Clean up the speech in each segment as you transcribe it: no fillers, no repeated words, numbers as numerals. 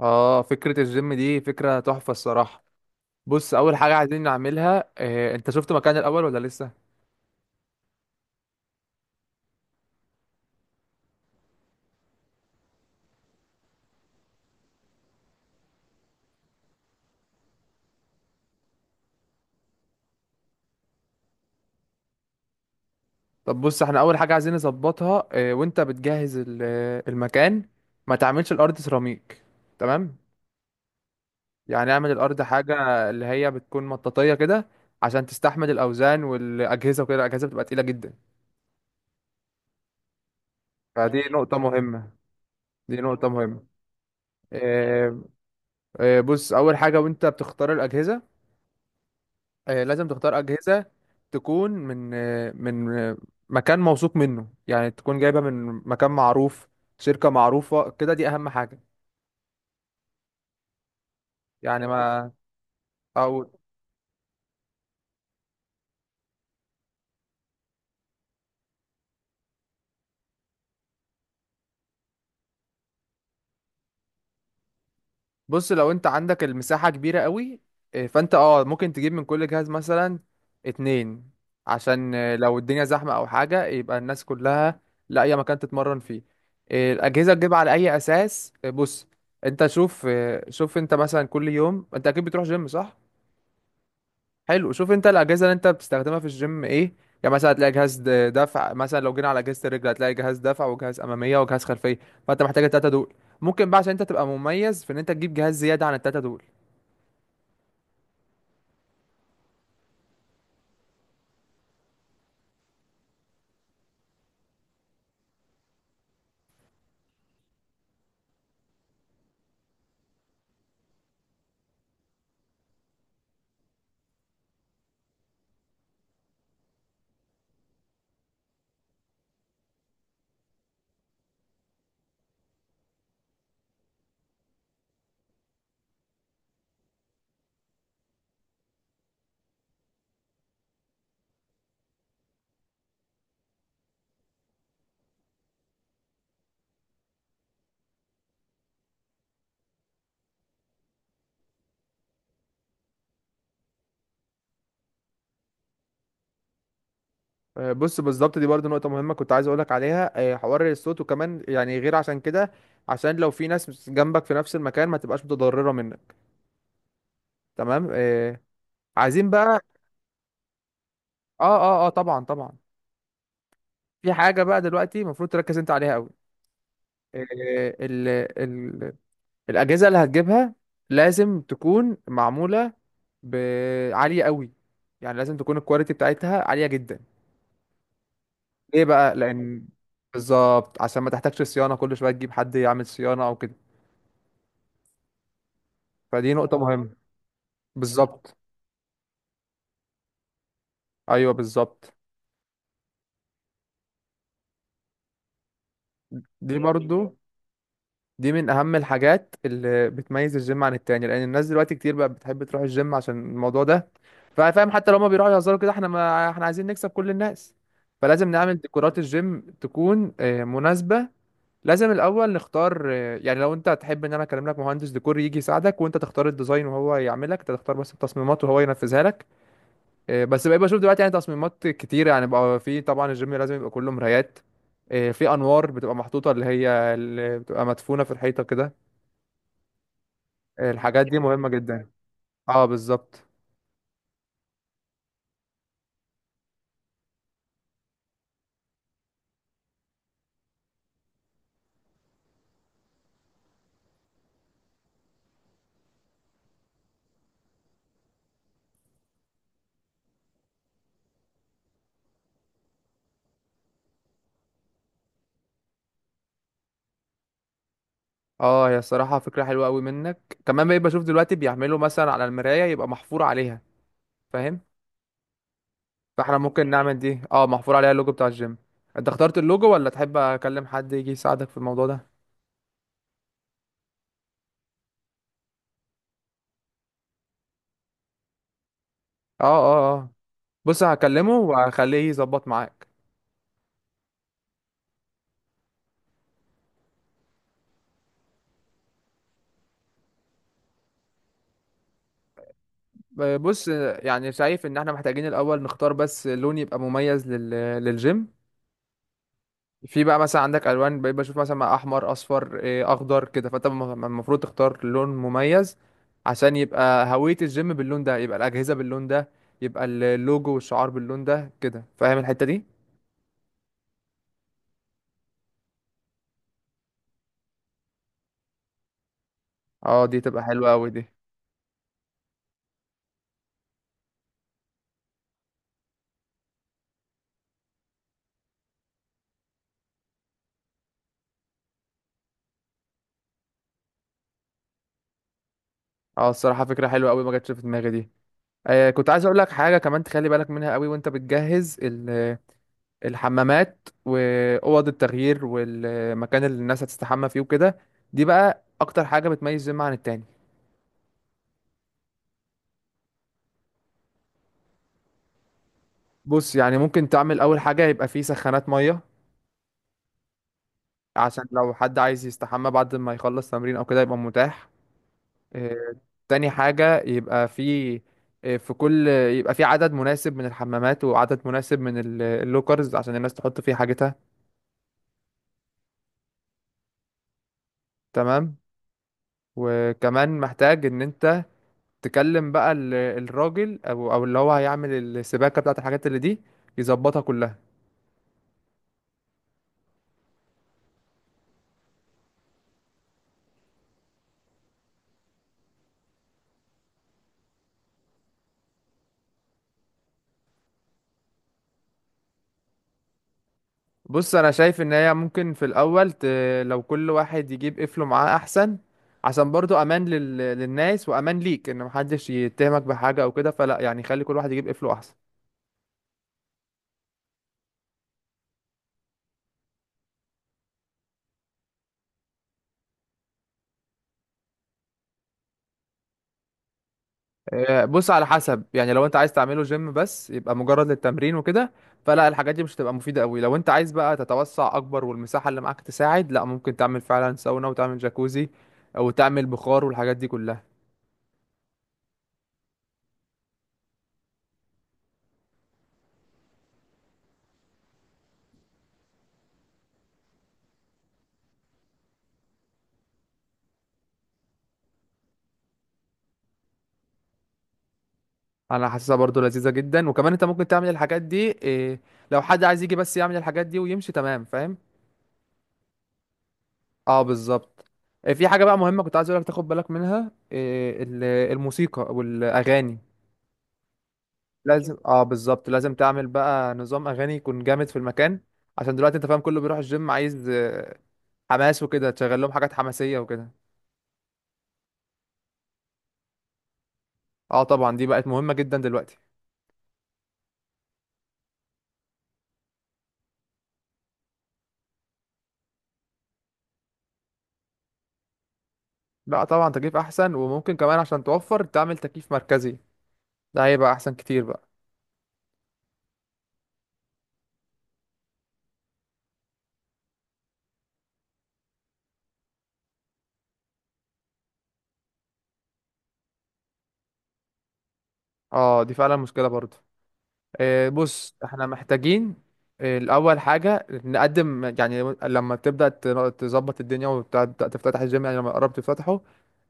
اه، فكرة الجيم دي فكرة تحفة الصراحة. بص، اول حاجة عايزين نعملها إيه؟ انت شفت مكان الاول ولا لسه؟ طب بص، احنا اول حاجة عايزين نظبطها إيه وانت بتجهز المكان، ما تعملش الارض سيراميك. تمام. يعني اعمل الارض حاجة اللي هي بتكون مطاطية كده، عشان تستحمل الاوزان والاجهزة وكده. الاجهزة بتبقى تقيلة جدا، فدي نقطة مهمة. دي نقطة مهمة. إيه؟ إيه، بص، اول حاجة وانت بتختار الاجهزة، لازم تختار أجهزة تكون من مكان موثوق منه، يعني تكون جايبة من مكان معروف، شركة معروفة كده. دي أهم حاجة. يعني ما، أو بص، لو أنت عندك المساحة كبيرة قوي، فأنت ممكن تجيب من كل جهاز مثلا اتنين، عشان لو الدنيا زحمة أو حاجة يبقى الناس كلها لاقية مكان تتمرن فيه. الأجهزة تجيبها على أي أساس؟ بص، أنت شوف، شوف أنت مثلا كل يوم أنت أكيد بتروح جيم، صح؟ حلو، شوف انت الاجهزه اللي انت بتستخدمها في الجيم ايه. يعني مثلا هتلاقي دفع. مثلا لو جينا على اجهزه الرجل، هتلاقي جهاز دفع وجهاز اماميه وجهاز خلفيه، فانت محتاج التلاته دول. ممكن بقى، عشان انت تبقى مميز، في ان انت تجيب جهاز زياده عن التلاته دول. بص، بالظبط، دي برضو نقطه مهمه كنت عايز اقولك عليها. حوار الصوت، وكمان يعني غير عشان كده، عشان لو في ناس جنبك في نفس المكان ما تبقاش متضرره منك. تمام. عايزين بقى. اه اه اه، طبعا طبعا. في حاجه بقى دلوقتي المفروض تركز انت عليها قوي: الأجهزة اللي هتجيبها لازم تكون معمولة عالية قوي، يعني لازم تكون الكواليتي بتاعتها عالية جدا. ليه بقى؟ لأن، بالظبط، عشان ما تحتاجش صيانة كل شوية تجيب حد يعمل صيانة أو كده. فدي نقطة مهمة. بالظبط. أيوه بالظبط. دي برضو، دي من أهم الحاجات اللي بتميز الجيم عن التاني، لأن الناس دلوقتي كتير بقى بتحب تروح الجيم عشان الموضوع ده، فاهم؟ حتى لو هما بيروحوا يهزروا كده، احنا ما احنا عايزين نكسب كل الناس، فلازم نعمل ديكورات الجيم تكون مناسبة. لازم الاول نختار، يعني لو انت تحب ان انا اكلم لك مهندس ديكور يجي يساعدك وانت تختار الديزاين، وهو يعملك، انت تختار بس التصميمات وهو ينفذها لك. بس بقى بشوف دلوقتي يعني تصميمات كتيره. يعني بقى، في طبعا، الجيم لازم يبقى كله مرايات. في انوار بتبقى محطوطه، اللي هي اللي بتبقى مدفونه في الحيطه كده. الحاجات دي مهمه جدا. اه بالظبط. اه، هي الصراحه فكره حلوه قوي منك. كمان بقى بشوف دلوقتي بيعملوا مثلا على المرايه يبقى محفور عليها، فاهم؟ فاحنا ممكن نعمل دي، اه، محفور عليها اللوجو بتاع الجيم. انت اخترت اللوجو ولا تحب اكلم حد يجي يساعدك في الموضوع ده؟ اه اه، اه بص، هكلمه وهخليه يظبط معاك. بص، يعني شايف ان احنا محتاجين الاول نختار بس لون يبقى مميز للجيم. في بقى مثلا عندك الوان، بقيت بشوف مثلا مع احمر، اصفر، اخضر كده. فانت المفروض تختار لون مميز عشان يبقى هوية الجيم باللون ده، يبقى الاجهزة باللون ده، يبقى اللوجو والشعار باللون ده كده، فاهم الحتة دي؟ اه دي تبقى حلوة قوي دي. اه الصراحة فكرة حلوة قوي، ما جاتش في دماغي دي. آه، كنت عايز اقول لك حاجة كمان تخلي بالك منها قوي وانت بتجهز الحمامات، واوض التغيير، والمكان اللي الناس هتستحمى فيه وكده. دي بقى اكتر حاجة بتميز جيم عن التاني. بص، يعني ممكن تعمل اول حاجة يبقى فيه سخانات مية، عشان لو حد عايز يستحمى بعد ما يخلص تمرين او كده يبقى متاح. آه. تاني حاجة يبقى فيه، آه، في كل يبقى في عدد مناسب من الحمامات، وعدد مناسب من اللوكرز عشان الناس تحط فيه حاجتها. تمام. وكمان محتاج ان انت تكلم بقى الراجل، او اللي هو هيعمل السباكه بتاعت الحاجات اللي دي، يظبطها كلها. بص، انا شايف ان هي ممكن لو كل واحد يجيب قفله معاه احسن، عشان برضو امان للناس، وامان ليك ان محدش يتهمك بحاجه او كده. فلا يعني، خلي كل واحد يجيب قفله احسن. بص، على حسب، يعني لو انت عايز تعمله جيم بس يبقى مجرد للتمرين وكده، فلا الحاجات دي مش هتبقى مفيدة قوي. لو انت عايز بقى تتوسع اكبر والمساحة اللي معاك تساعد، لا، ممكن تعمل فعلا ساونا وتعمل جاكوزي، او تعمل بخار والحاجات دي كلها. انا حاسسها برضو لذيذة جدا، وكمان انت ممكن تعمل الحاجات دي، إيه، لو حد عايز يجي بس يعمل الحاجات دي ويمشي. تمام، فاهم؟ اه بالظبط. في حاجة بقى مهمة كنت عايز اقولك تاخد بالك منها، إيه الموسيقى والاغاني. لازم، اه بالظبط، لازم تعمل بقى نظام اغاني يكون جامد في المكان، عشان دلوقتي انت فاهم، كله بيروح الجيم عايز حماس وكده. تشغل لهم حاجات حماسية وكده. اه طبعا، دي بقت مهمة جدا دلوقتي. بقى طبعا تكييف احسن، وممكن كمان عشان توفر تعمل تكييف مركزي، ده هيبقى احسن كتير بقى. اه دي فعلا مشكلة برضو. آه، بص، احنا محتاجين الاول حاجة نقدم، يعني لما تبدأ تظبط الدنيا وتبدأ تفتتح الجيم، يعني لما قربت تفتحه،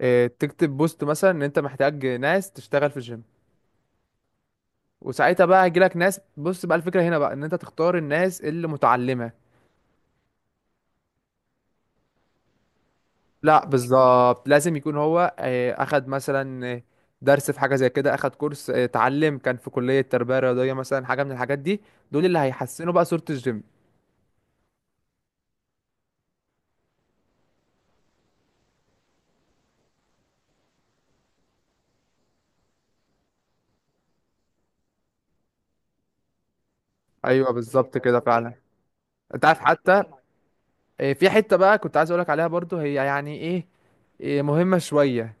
تكتب بوست مثلا ان انت محتاج ناس تشتغل في الجيم. وساعتها بقى هيجيلك ناس. بص بقى، الفكرة هنا بقى ان انت تختار الناس اللي متعلمة. لا بالظبط، لازم يكون هو، اخد مثلا، درس في حاجة زي كده، اخد كورس، اتعلم، كان في كلية تربية رياضية مثلا، حاجة من الحاجات دي. دول اللي هيحسنوا بقى صورة الجيم. ايوه بالظبط كده فعلا. انت عارف حتى، في حتة بقى كنت عايز اقولك عليها برضو، هي يعني ايه، مهمة شوية.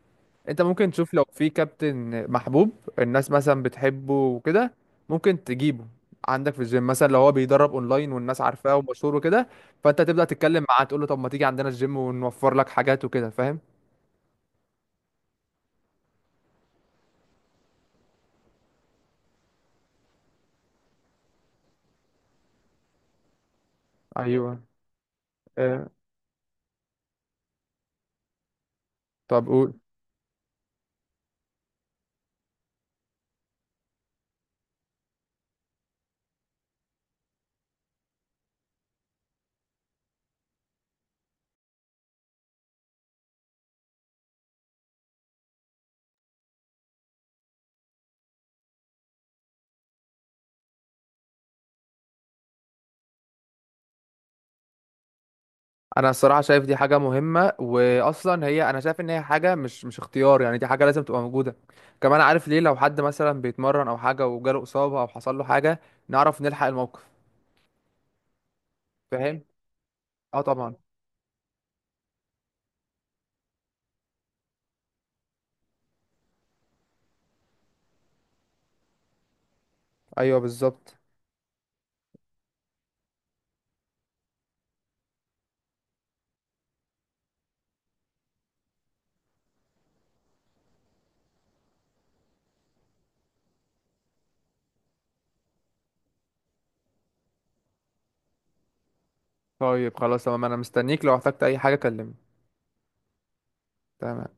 انت ممكن تشوف لو في كابتن محبوب الناس مثلا بتحبه وكده، ممكن تجيبه عندك في الجيم. مثلا لو هو بيدرب اونلاين والناس عارفاه ومشهور وكده، فانت تبدأ تتكلم معاه تقول له طب ما تيجي عندنا الجيم ونوفر لك حاجات وكده، فاهم؟ ايوه. آه، طب قول. انا الصراحه شايف دي حاجه مهمه، واصلا هي انا شايف ان هي حاجه مش، مش اختيار، يعني دي حاجه لازم تبقى موجوده. كمان عارف ليه؟ لو حد مثلا بيتمرن او حاجه وجاله اصابه او حصل له حاجه، نعرف نلحق الموقف. فاهم؟ اه طبعا. ايوه بالظبط. طيب خلاص تمام، انا مستنيك، لو احتجت اي حاجة كلمني. تمام.